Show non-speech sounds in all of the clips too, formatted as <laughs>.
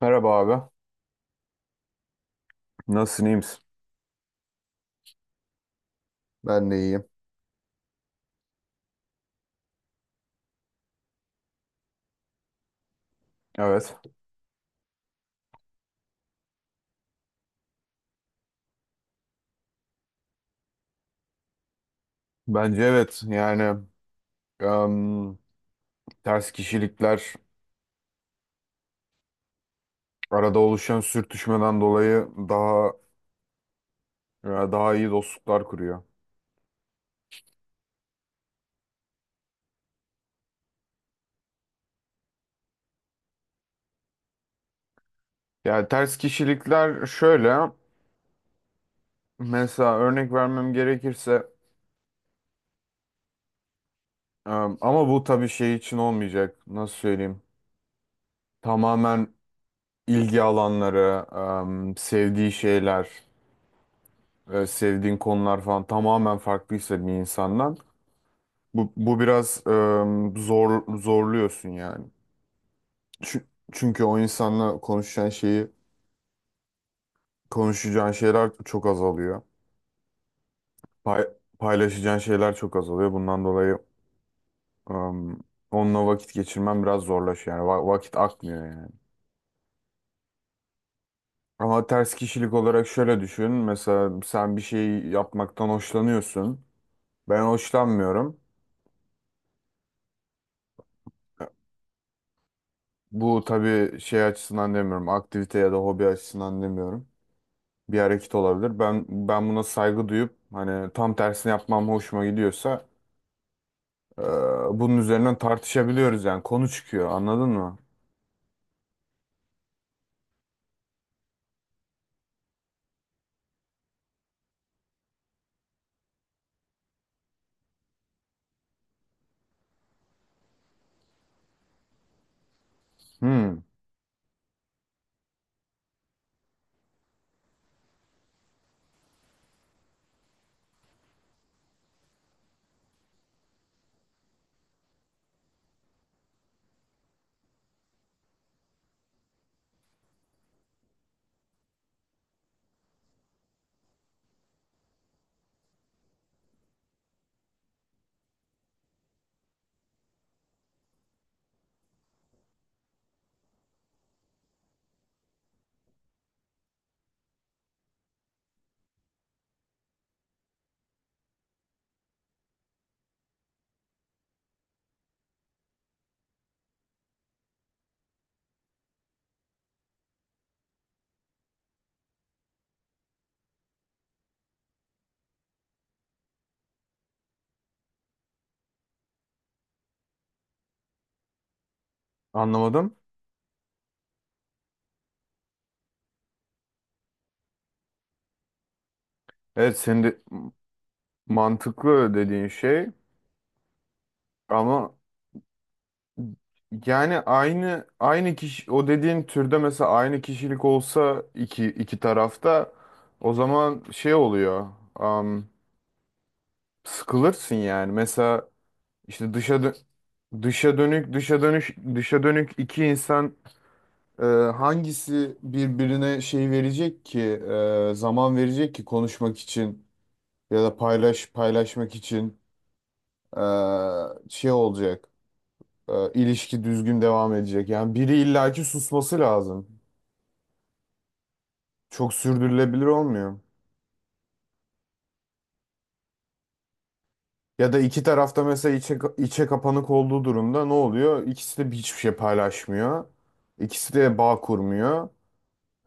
Merhaba abi. Nasılsın, iyi misin? Ben de iyiyim. Evet. Bence evet. Yani em, ters kişilikler arada oluşan sürtüşmeden dolayı daha daha iyi dostluklar kuruyor. Yani ters kişilikler şöyle. Mesela örnek vermem gerekirse ama bu tabii şey için olmayacak. Nasıl söyleyeyim? Tamamen ilgi alanları, sevdiği şeyler, sevdiğin konular falan tamamen farklıysa bir insandan. Bu biraz zorluyorsun yani. Çü- Çünkü o insanla konuşacağın şeyi, konuşacağın şeyler çok azalıyor. Pay- paylaşacağın şeyler çok azalıyor. Bundan dolayı em, onunla vakit geçirmen biraz zorlaşıyor. Yani vakit akmıyor yani. Ama ters kişilik olarak şöyle düşün. Mesela sen bir şey yapmaktan hoşlanıyorsun. Ben hoşlanmıyorum. Bu tabii şey açısından demiyorum. Aktivite ya da hobi açısından demiyorum. Bir hareket olabilir. Ben buna saygı duyup hani tam tersini yapmam hoşuma gidiyorsa e, bunun üzerinden tartışabiliyoruz yani konu çıkıyor anladın mı? Hmm, anlamadım. Evet, senin de mantıklı dediğin şey ama yani aynı kişi o dediğin türde mesela aynı kişilik olsa iki tarafta o zaman şey oluyor. am, Sıkılırsın yani. Mesela işte dışa dönük dışa dönüş dışa dönük iki insan. Ee, Hangisi birbirine şey verecek ki zaman verecek ki konuşmak için ya da paylaşmak için e, şey olacak, ilişki düzgün devam edecek yani biri illaki susması lazım. Çok sürdürülebilir olmuyor. Ya da iki tarafta mesela içe kapanık olduğu durumda ne oluyor? İkisi de hiçbir şey paylaşmıyor, ikisi de bağ kurmuyor.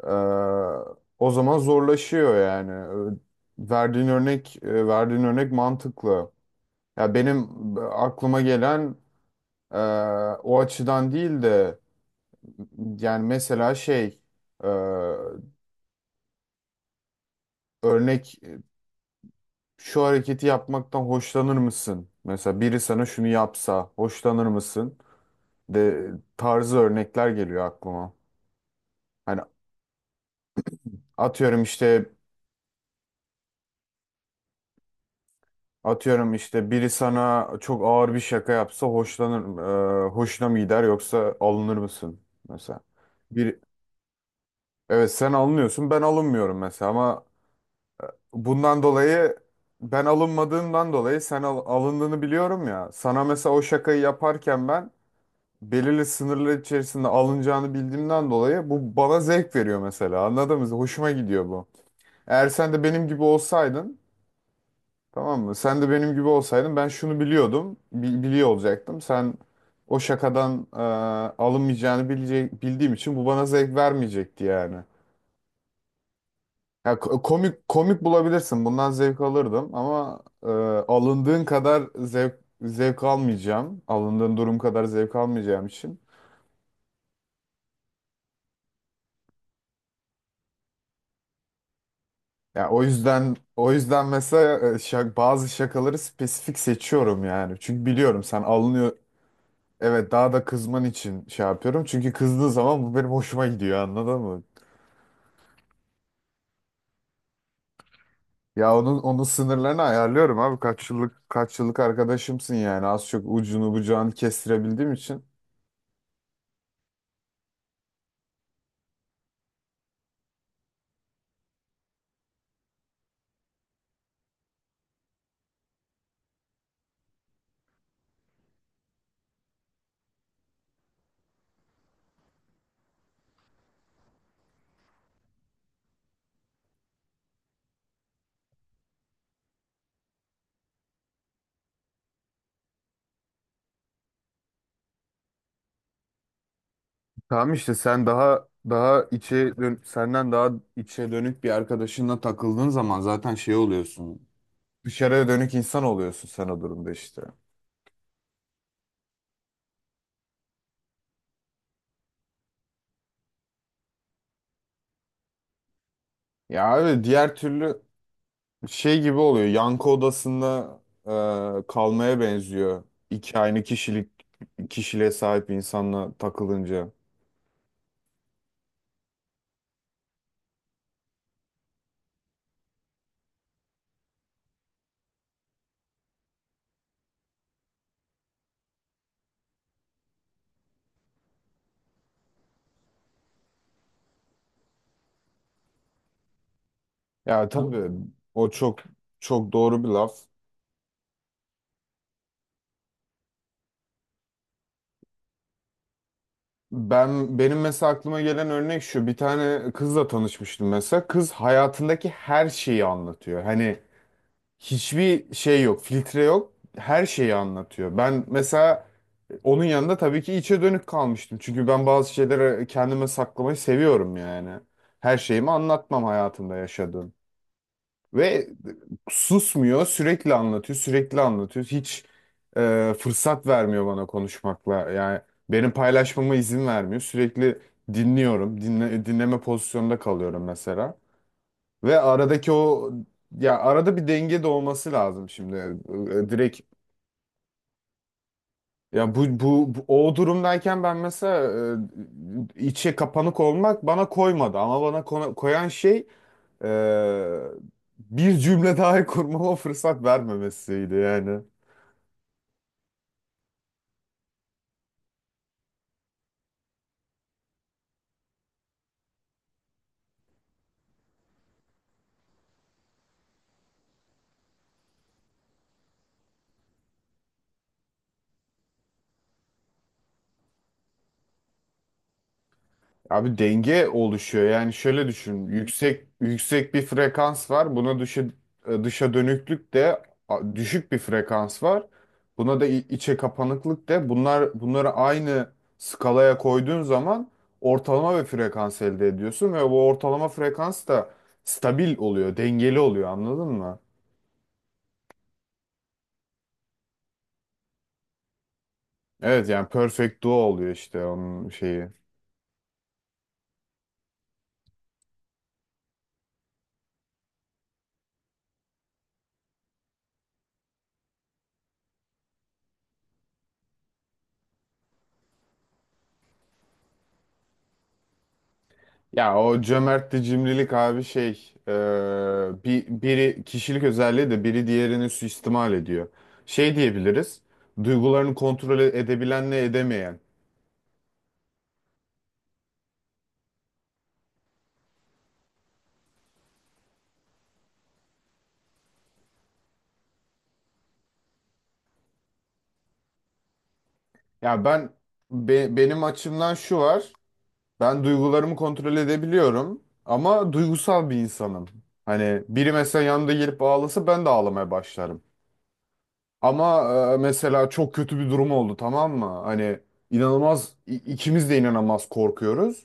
Ee, O zaman zorlaşıyor yani. Ee, verdiğin örnek mantıklı. Ya benim aklıma gelen e, o açıdan değil de yani mesela e, örnek e, şu hareketi yapmaktan hoşlanır mısın? Mesela biri sana şunu yapsa hoşlanır mısın? De tarzı örnekler geliyor aklıma. Hani atıyorum işte. Atıyorum işte, biri sana çok ağır bir şaka yapsa hoşuna mı gider yoksa alınır mısın mesela? Bir, evet sen alınıyorsun ben alınmıyorum mesela ama bundan dolayı, ben alınmadığımdan dolayı sen alındığını biliyorum ya. Sana mesela o şakayı yaparken ben belirli sınırlar içerisinde alınacağını bildiğimden dolayı bu bana zevk veriyor mesela, anladın mı? Hoşuma gidiyor bu. Eğer sen de benim gibi olsaydın. Tamam mı? Sen de benim gibi olsaydın ben şunu biliyordum. Biliyor olacaktım. Sen o şakadan bildiğim için bu bana zevk vermeyecekti yani. Ya, komik bulabilirsin. Bundan zevk alırdım ama alındığın kadar zevk almayacağım. Alındığın durum kadar zevk almayacağım için. Ya o yüzden mesela bazı şakaları spesifik seçiyorum yani. Çünkü biliyorum sen alınıyor. Evet, daha da kızman için şey yapıyorum. Çünkü kızdığı zaman bu benim hoşuma gidiyor, anladın mı? Ya onun sınırlarını ayarlıyorum abi. Kaç yıllık arkadaşımsın yani. Az çok ucunu bucağını kestirebildiğim için. Tamam işte sen daha senden daha içe dönük bir arkadaşınla takıldığın zaman zaten şey oluyorsun. Dışarıya dönük insan oluyorsun sen o durumda işte. Ya abi diğer türlü şey gibi oluyor. Yankı odasında kalmaya benziyor. İki aynı kişiliğe sahip insanla takılınca. Ya tabii o çok doğru bir laf. Benim mesela aklıma gelen örnek şu. Bir tane kızla tanışmıştım mesela. Kız hayatındaki her şeyi anlatıyor. Hani hiçbir şey yok, filtre yok. Her şeyi anlatıyor. Ben mesela onun yanında tabii ki içe dönük kalmıştım. Çünkü ben bazı şeyleri kendime saklamayı seviyorum yani. Her şeyimi anlatmam hayatımda yaşadığım. Ve susmuyor, sürekli anlatıyor, sürekli anlatıyor. Hiç fırsat vermiyor bana konuşmakla. Yani benim paylaşmama izin vermiyor. Sürekli dinliyorum. Dinleme pozisyonunda kalıyorum mesela. Ve aradaki o, ya arada bir denge de olması lazım şimdi. Direkt, ya o durumdayken ben mesela içe kapanık olmak bana koymadı ama bana koyan şey e, bir cümle daha <laughs> kurmama fırsat vermemesiydi yani. Abi denge oluşuyor. Yani şöyle düşün. Yüksek bir frekans var. Buna dışa dönüklük de. Düşük bir frekans var. Buna da içe kapanıklık de. Bunları aynı skalaya koyduğun zaman ortalama bir frekans elde ediyorsun ve bu ortalama frekans da stabil oluyor, dengeli oluyor. Anladın mı? Evet yani perfect duo oluyor işte onun şeyi. Ya o cömertli cimrilik abi biri kişilik özelliği de biri diğerini suistimal ediyor. Şey diyebiliriz, duygularını kontrol edebilenle edemeyen. Ya benim açımdan şu var, ben duygularımı kontrol edebiliyorum ama duygusal bir insanım. Hani biri mesela yanımda gelip ağlasa ben de ağlamaya başlarım. Ama mesela çok kötü bir durum oldu, tamam mı? Hani ikimiz de inanılmaz korkuyoruz.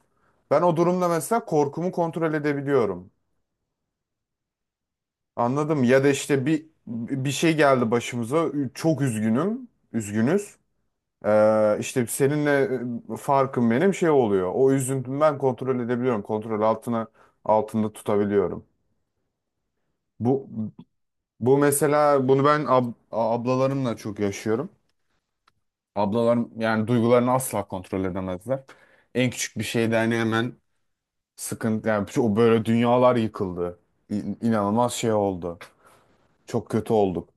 Ben o durumda mesela korkumu kontrol edebiliyorum. Anladım. Ya da işte bir şey geldi başımıza. Çok üzgünüm. Üzgünüz. İşte seninle farkım benim şey oluyor. O üzüntümü ben kontrol edebiliyorum. Kontrol altında tutabiliyorum. Bu bu mesela bunu ben ablalarımla çok yaşıyorum. Ablalarım yani duygularını asla kontrol edemezler. En küçük bir şeyde hani hemen sıkıntı yani o böyle dünyalar yıkıldı. İnanılmaz şey oldu. Çok kötü olduk.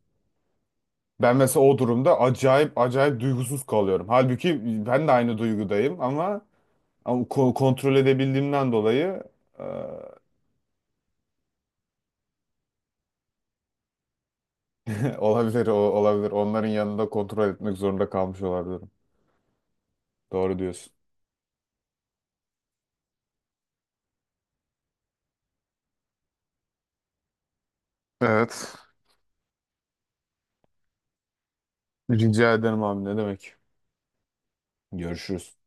Ben mesela o durumda acayip duygusuz kalıyorum. Halbuki ben de aynı duygudayım ama, ama kontrol edebildiğimden dolayı e, <laughs> olabilir. Onların yanında kontrol etmek zorunda kalmış olabilirim. Doğru diyorsun. Evet. Rica ederim abi, ne demek. Görüşürüz.